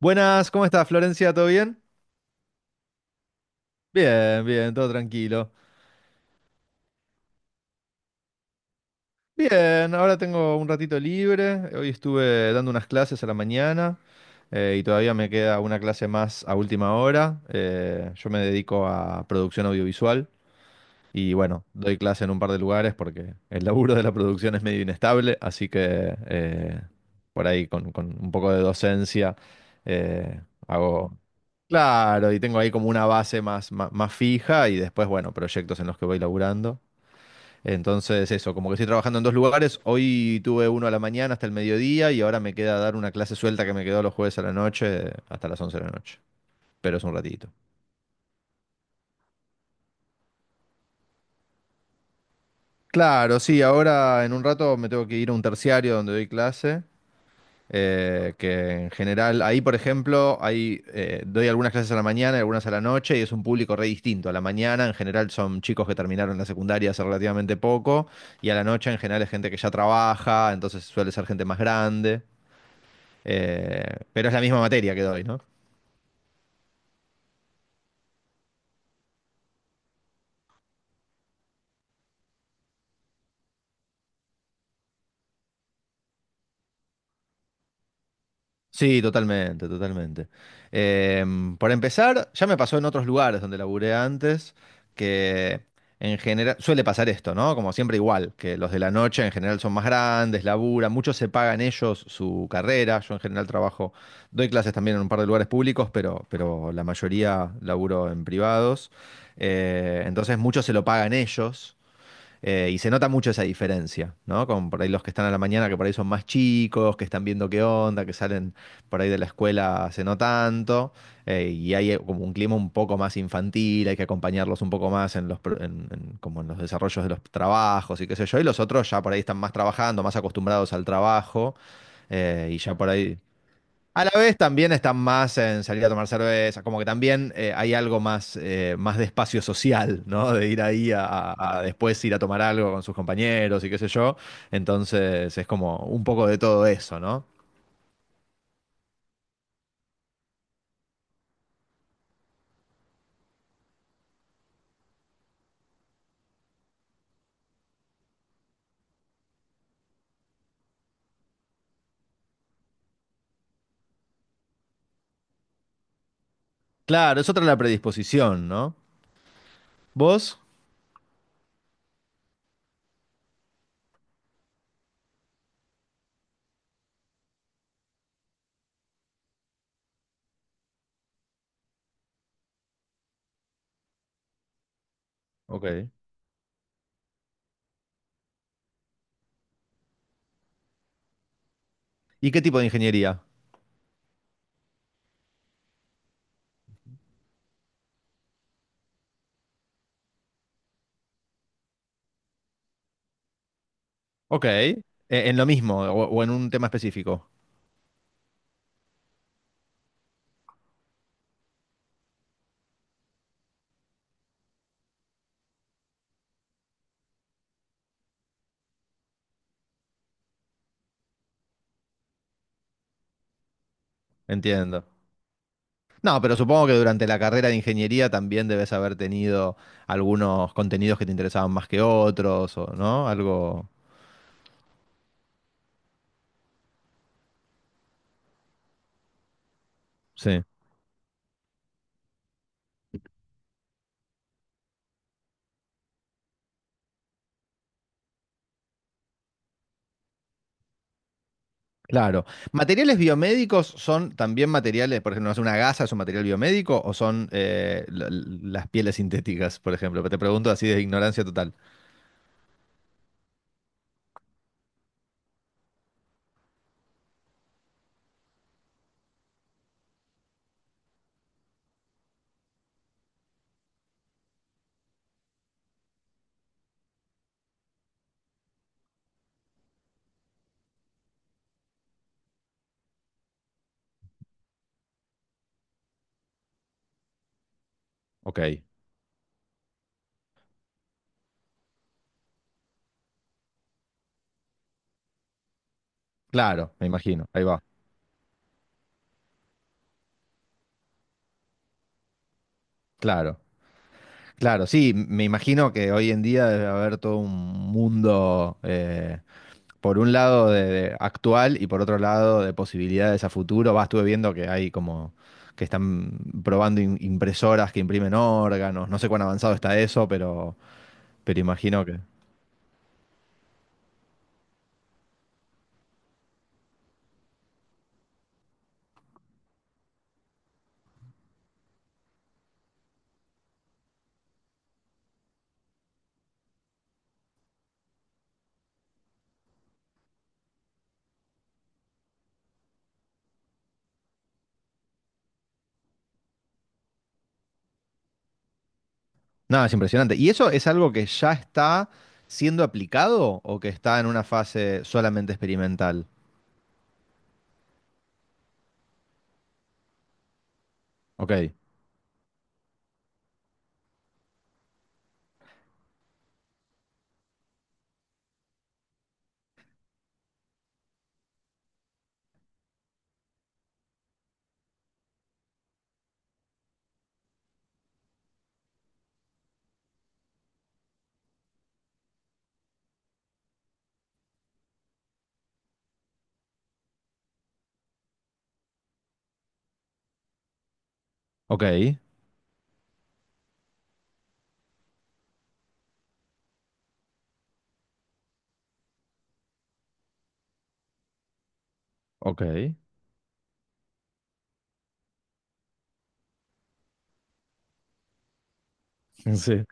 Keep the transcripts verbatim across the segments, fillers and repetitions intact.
Buenas, ¿cómo estás, Florencia? ¿Todo bien? Bien, bien, todo tranquilo. Bien, ahora tengo un ratito libre. Hoy estuve dando unas clases a la mañana, eh, y todavía me queda una clase más a última hora. Eh, yo me dedico a producción audiovisual. Y bueno, doy clase en un par de lugares porque el laburo de la producción es medio inestable, así que eh, por ahí con, con un poco de docencia eh, hago... Claro, y tengo ahí como una base más, más, más fija y después, bueno, proyectos en los que voy laburando. Entonces, eso, como que estoy trabajando en dos lugares. Hoy tuve uno a la mañana hasta el mediodía y ahora me queda dar una clase suelta que me quedó los jueves a la noche hasta las once de la noche. Pero es un ratito. Claro, sí, ahora en un rato me tengo que ir a un terciario donde doy clase. Eh, que en general, ahí por ejemplo, hay, eh, doy algunas clases a la mañana y algunas a la noche y es un público re distinto. A la mañana en general son chicos que terminaron la secundaria hace relativamente poco, y a la noche en general es gente que ya trabaja, entonces suele ser gente más grande, eh, pero es la misma materia que doy, ¿no? Sí, totalmente, totalmente. Em, por empezar, ya me pasó en otros lugares donde laburé antes, que en general suele pasar esto, ¿no? Como siempre igual, que los de la noche en general son más grandes, laburan, muchos se pagan ellos su carrera. Yo en general trabajo, doy clases también en un par de lugares públicos, pero, pero la mayoría laburo en privados. Eh, entonces muchos se lo pagan ellos. Eh, y se nota mucho esa diferencia, ¿no? Con por ahí los que están a la mañana, que por ahí son más chicos, que están viendo qué onda, que salen por ahí de la escuela hace no tanto, eh, y hay eh, como un clima un poco más infantil, hay que acompañarlos un poco más en los, pro- en- en- como en los desarrollos de los trabajos y qué sé yo, y los otros ya por ahí están más trabajando, más acostumbrados al trabajo, eh, y ya por ahí... A la vez también están más en salir a tomar cerveza, como que también eh, hay algo más, eh, más de espacio social, ¿no? De ir ahí a, a- a después ir a tomar algo con sus compañeros y qué sé yo. Entonces es como un poco de todo eso, ¿no? Claro, es otra la predisposición, ¿no? ¿Vos? Ok. ¿Y qué tipo de ingeniería? Ok. Eh, en lo mismo o, o en un tema específico. Entiendo. No, pero supongo que durante la carrera de ingeniería también debes haber tenido algunos contenidos que te interesaban más que otros, o, ¿no? Algo. Sí, claro. ¿Materiales biomédicos son también materiales, por ejemplo? ¿No es una gasa, es un material biomédico o son eh, la- las pieles sintéticas, por ejemplo? Te pregunto así de ignorancia total. Ok, claro, me imagino, ahí va. Claro, claro, sí, me imagino que hoy en día debe haber todo un mundo. Eh, por un lado de, de actual y por otro lado de posibilidades a futuro. Va, estuve viendo que hay como que están probando im- impresoras que imprimen órganos. No sé cuán avanzado está eso, pero, pero imagino que... Nada, es impresionante. ¿Y eso es algo que ya está siendo aplicado o que está en una fase solamente experimental? Ok, ok, ok. Sí.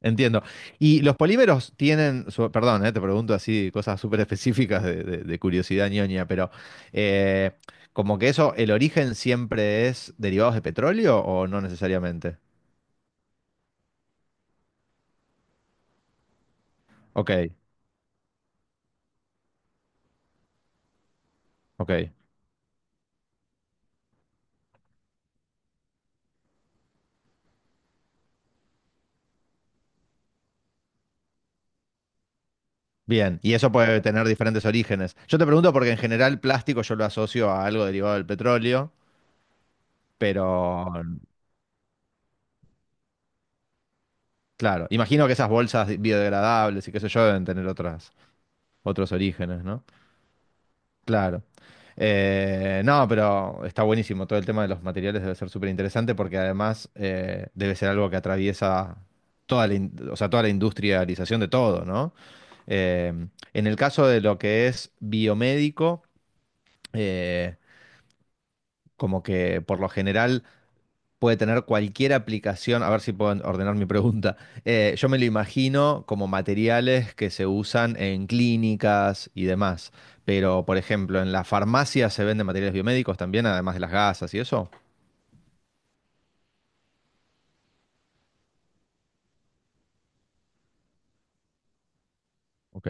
Entiendo. ¿Y los polímeros tienen, su- perdón, eh, te pregunto así cosas súper específicas de, de- de curiosidad ñoña, pero eh, como que eso, el origen siempre es derivados de petróleo o no necesariamente? Ok, ok. Bien, y eso puede tener diferentes orígenes. Yo te pregunto porque en general plástico yo lo asocio a algo derivado del petróleo, pero claro, imagino que esas bolsas biodegradables y qué sé yo deben tener otras, otros orígenes, ¿no? Claro. Eh, no, pero está buenísimo. Todo el tema de los materiales debe ser súper interesante porque además eh, debe ser algo que atraviesa toda la, in- o sea, toda la industrialización de todo, ¿no? Eh, en el caso de lo que es biomédico, eh, como que por lo general puede tener cualquier aplicación, a ver si puedo ordenar mi pregunta. Eh, yo me lo imagino como materiales que se usan en clínicas y demás, pero por ejemplo, en la farmacia se venden materiales biomédicos también, además de las gasas y eso. Ok,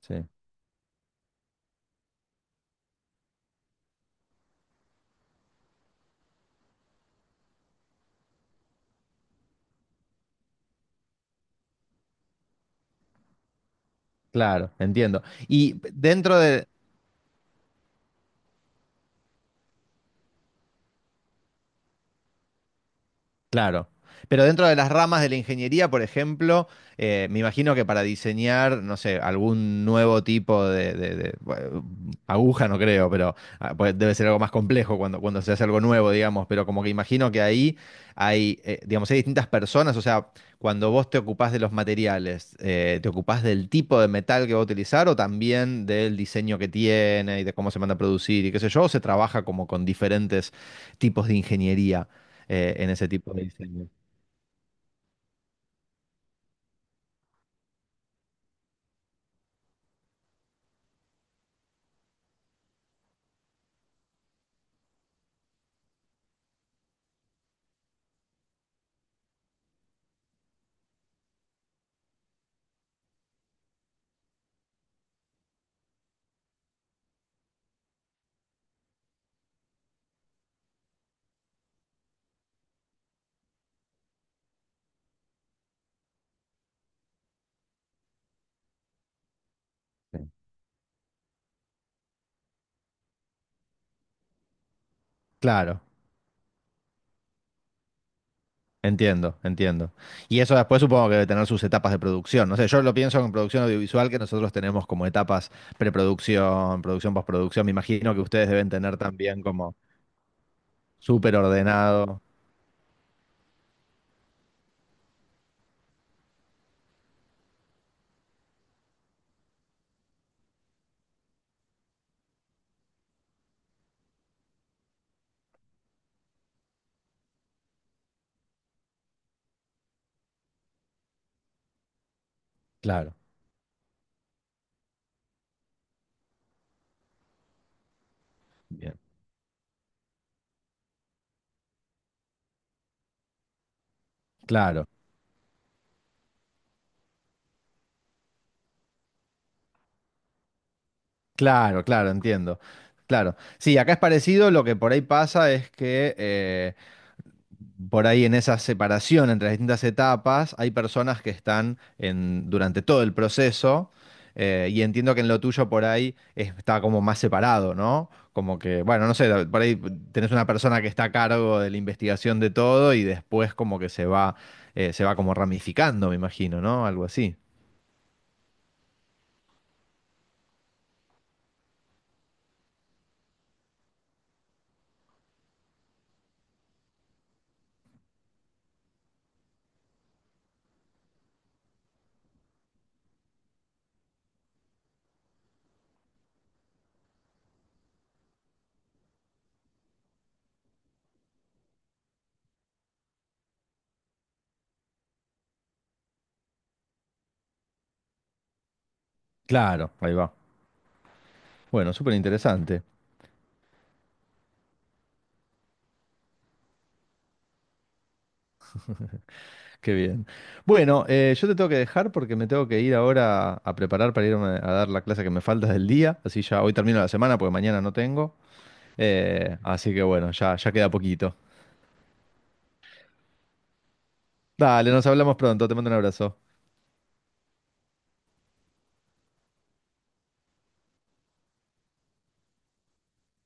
sí. Claro, entiendo. Y dentro de, claro. Pero dentro de las ramas de la ingeniería, por ejemplo, eh, me imagino que para diseñar, no sé, algún nuevo tipo de, de- de- bueno, aguja, no creo, pero ah, pues, debe ser algo más complejo cuando, cuando se hace algo nuevo, digamos, pero como que imagino que ahí hay, eh, digamos, hay distintas personas, o sea, cuando vos te ocupás de los materiales, eh, ¿te ocupás del tipo de metal que va a utilizar o también del diseño que tiene y de cómo se manda a producir y qué sé yo, o se trabaja como con diferentes tipos de ingeniería eh, en ese tipo de diseño? Sí. Claro, entiendo, entiendo. Y eso después supongo que debe tener sus etapas de producción. No sé, yo lo pienso en producción audiovisual que nosotros tenemos como etapas preproducción, producción, postproducción. Me imagino que ustedes deben tener también como súper ordenado. Claro, bien, claro. Claro, claro, entiendo. Claro. Sí, acá es parecido, lo que por ahí pasa es que por ahí en esa separación entre las distintas etapas, hay personas que están en, durante todo el proceso, eh, y entiendo que en lo tuyo por ahí es- está como más separado, ¿no? Como que, bueno, no sé, por ahí tenés una persona que está a cargo de la investigación de todo y después como que se va, eh, se va como ramificando, me imagino, ¿no? Algo así. Claro, ahí va. Bueno, súper interesante. Qué bien. Bueno, eh, yo te tengo que dejar porque me tengo que ir ahora a preparar para irme a dar la clase que me falta del día. Así ya hoy termino la semana porque mañana no tengo. Eh, así que bueno, ya, ya queda poquito. Dale, nos hablamos pronto. Te mando un abrazo.